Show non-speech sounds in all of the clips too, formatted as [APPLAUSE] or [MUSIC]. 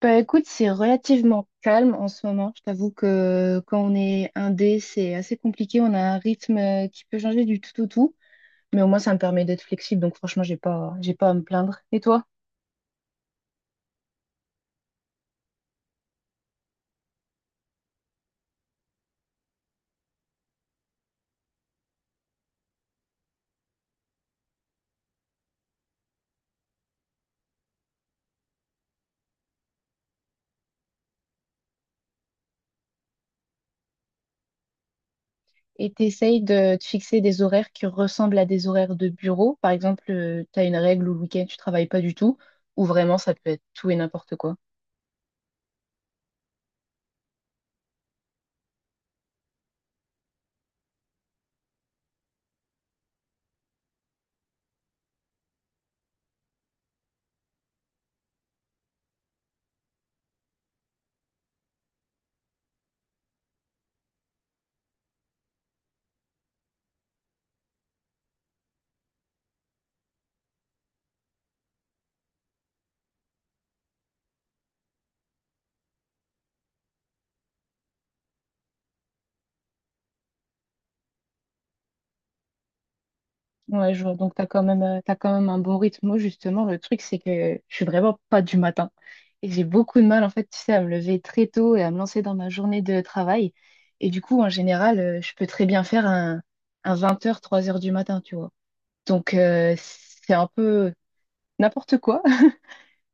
Bah écoute, c'est relativement calme en ce moment. Je t'avoue que quand on est indé, c'est assez compliqué. On a un rythme qui peut changer du tout au tout, mais au moins ça me permet d'être flexible. Donc franchement, j'ai pas à me plaindre. Et toi? Et t'essayes de te fixer des horaires qui ressemblent à des horaires de bureau. Par exemple, tu as une règle où le week-end tu travailles pas du tout, ou vraiment ça peut être tout et n'importe quoi. Ouais, je vois. Donc, tu as quand même, t'as quand même un bon rythme. Moi, justement, le truc, c'est que je suis vraiment pas du matin. Et j'ai beaucoup de mal, en fait, tu sais, à me lever très tôt et à me lancer dans ma journée de travail. Et du coup, en général, je peux très bien faire un vingt heures trois heures du matin, tu vois. Donc, c'est un peu n'importe quoi. [LAUGHS]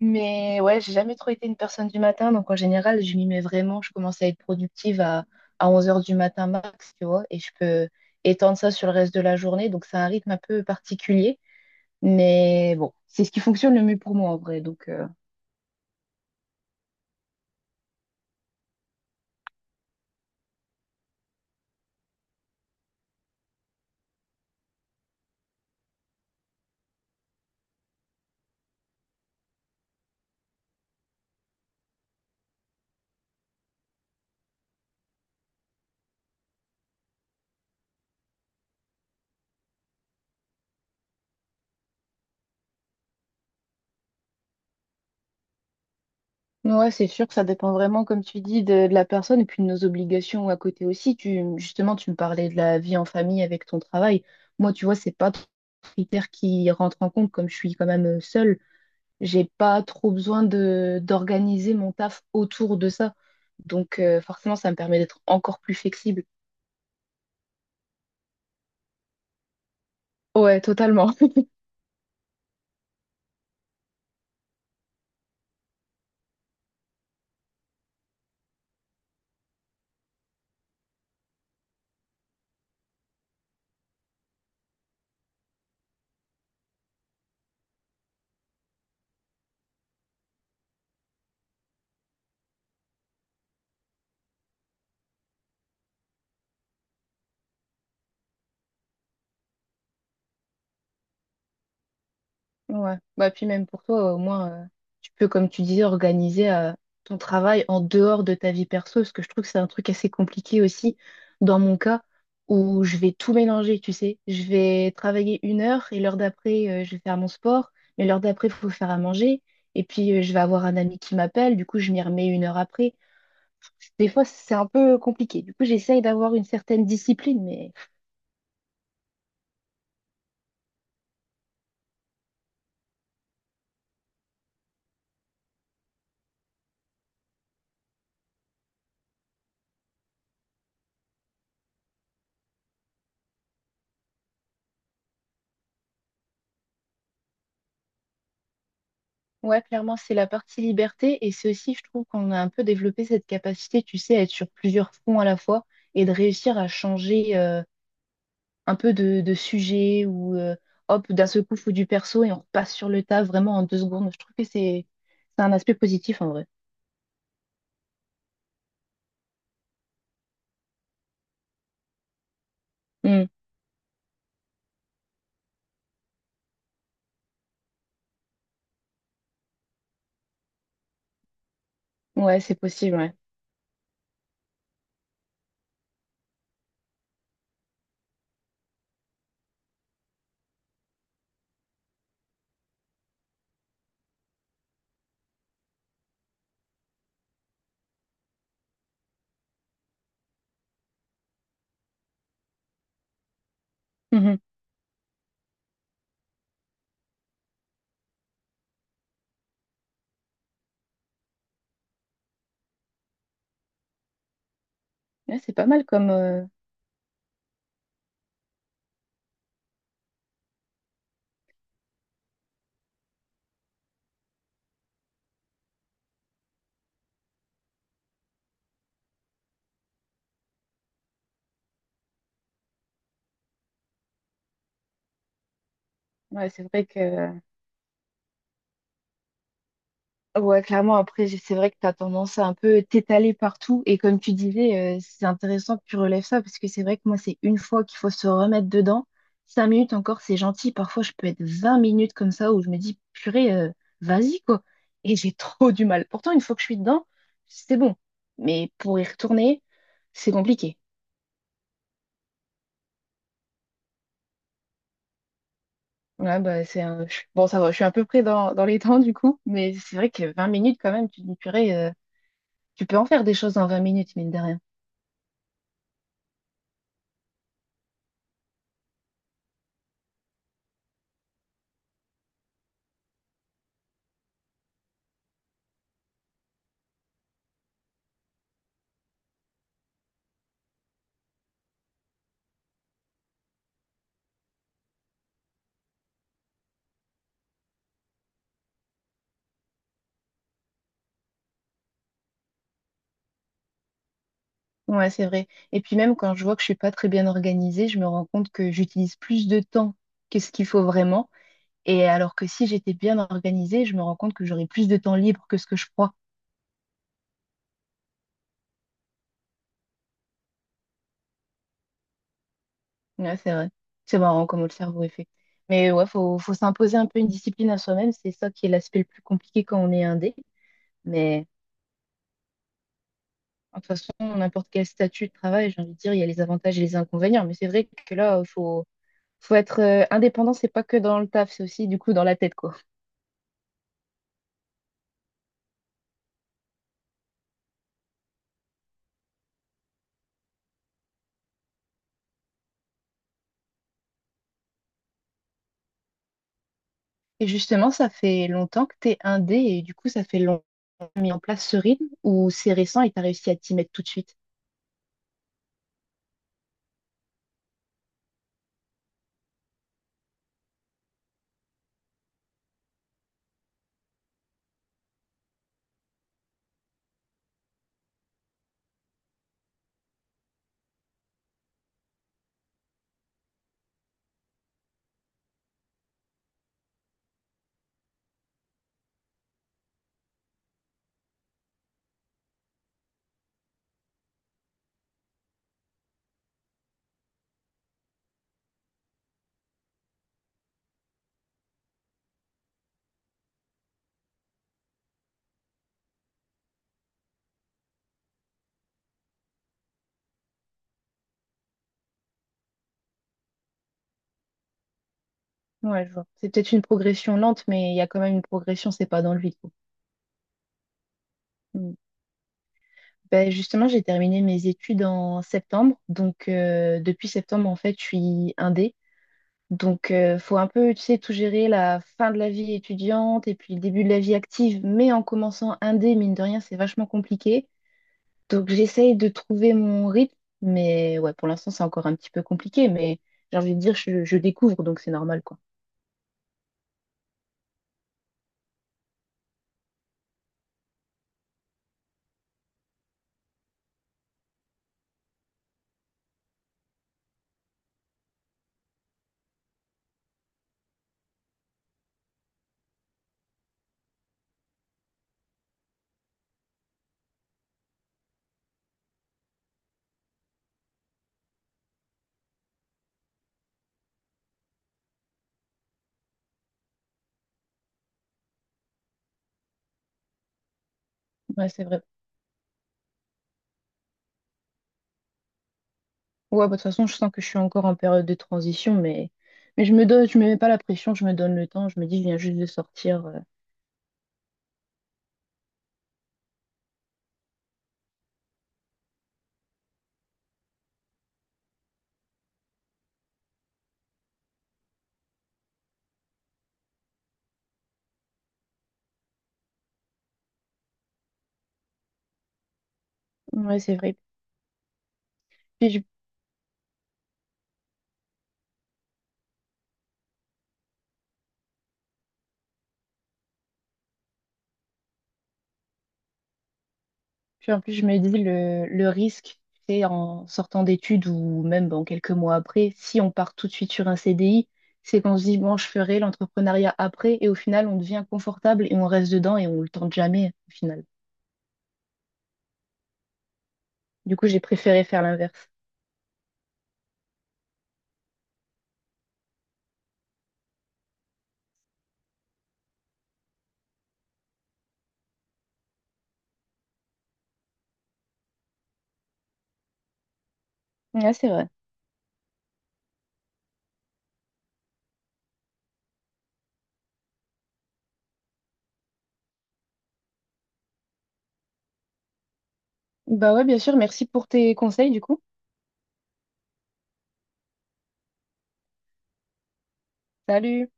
Mais ouais, j'ai jamais trop été une personne du matin. Donc, en général, je m'y mets vraiment. Je commence à être productive à onze heures du matin max, tu vois. Et je peux étendre ça sur le reste de la journée. Donc, c'est un rythme un peu particulier. Mais bon, c'est ce qui fonctionne le mieux pour moi en vrai. Donc, ouais, c'est sûr que ça dépend vraiment, comme tu dis, de la personne et puis de nos obligations à côté aussi. Justement, tu me parlais de la vie en famille avec ton travail. Moi, tu vois, c'est pas trop un critère qui rentre en compte comme je suis quand même seule. J'ai pas trop besoin de d'organiser mon taf autour de ça. Donc, forcément, ça me permet d'être encore plus flexible. Ouais, totalement. Ouais. Bah, puis même pour toi, au moins, tu peux, comme tu disais, organiser ton travail en dehors de ta vie perso, parce que je trouve que c'est un truc assez compliqué aussi, dans mon cas, où je vais tout mélanger, tu sais. Je vais travailler une heure et l'heure d'après, je vais faire mon sport, mais l'heure d'après, il faut faire à manger. Et puis, je vais avoir un ami qui m'appelle, du coup, je m'y remets une heure après. Des fois, c'est un peu compliqué. Du coup, j'essaye d'avoir une certaine discipline, mais ouais, clairement, c'est la partie liberté et c'est aussi, je trouve, qu'on a un peu développé cette capacité, tu sais, à être sur plusieurs fronts à la fois et de réussir à changer un peu de sujet ou hop, d'un seul coup, faut du perso et on repasse sur le tas vraiment en deux secondes. Je trouve que c'est un aspect positif en vrai. Mm. Ouais, c'est possible, ouais. Mhm. Ouais, c'est pas mal comme. Ouais, c'est vrai que. Ouais, clairement, après, c'est vrai que tu as tendance à un peu t'étaler partout. Et comme tu disais, c'est intéressant que tu relèves ça parce que c'est vrai que moi, c'est une fois qu'il faut se remettre dedans. Cinq minutes encore, c'est gentil. Parfois, je peux être 20 minutes comme ça où je me dis, purée, vas-y, quoi. Et j'ai [LAUGHS] trop du mal. Pourtant, une fois que je suis dedans, c'est bon. Mais pour y retourner, c'est compliqué. Ouais, bah, c'est un... Bon, ça va, je suis à peu près dans les temps, du coup. Mais c'est vrai que 20 minutes, quand même, tu te dis, purée, tu peux en faire des choses en 20 minutes, mine de rien. Ouais, c'est vrai. Et puis même quand je vois que je suis pas très bien organisée, je me rends compte que j'utilise plus de temps que ce qu'il faut vraiment. Et alors que si j'étais bien organisée, je me rends compte que j'aurais plus de temps libre que ce que je crois. Ouais, c'est vrai. C'est marrant comment le cerveau est fait. Mais ouais, faut s'imposer un peu une discipline à soi-même. C'est ça qui est l'aspect le plus compliqué quand on est indé. Mais de toute façon, n'importe quel statut de travail, j'ai envie de dire, il y a les avantages et les inconvénients. Mais c'est vrai que là, faut être indépendant, c'est pas que dans le taf, c'est aussi du coup dans la tête, quoi. Et justement, ça fait longtemps que t'es indé et du coup, ça fait longtemps que t'as mis en place ce rythme ou c'est récent et t'as réussi à t'y mettre tout de suite? Ouais, je vois. C'est peut-être une progression lente, mais il y a quand même une progression, c'est pas dans le vide. Quoi. Mm. Ben justement, j'ai terminé mes études en septembre. Donc, depuis septembre, en fait, je suis indé. Donc, faut un peu, tu sais, tout gérer la fin de la vie étudiante et puis le début de la vie active. Mais en commençant indé, mine de rien, c'est vachement compliqué. Donc j'essaye de trouver mon rythme, mais ouais, pour l'instant c'est encore un petit peu compliqué, mais j'ai envie de dire je découvre, donc c'est normal quoi. Ouais, c'est vrai. Ouais, bah, de toute façon, je sens que je suis encore en période de transition, mais je me donne, je me mets pas la pression, je me donne le temps, je me dis je viens juste de sortir. Ouais, c'est vrai. Puis je Puis en plus, je me dis le risque, c'est en sortant d'études ou même bon, quelques mois après, si on part tout de suite sur un CDI, c'est qu'on se dit, bon, je ferai l'entrepreneuriat après et au final, on devient confortable et on reste dedans et on le tente jamais au final. Du coup, j'ai préféré faire l'inverse. Ouais, c'est vrai. Bah ouais, bien sûr, merci pour tes conseils du coup. Salut!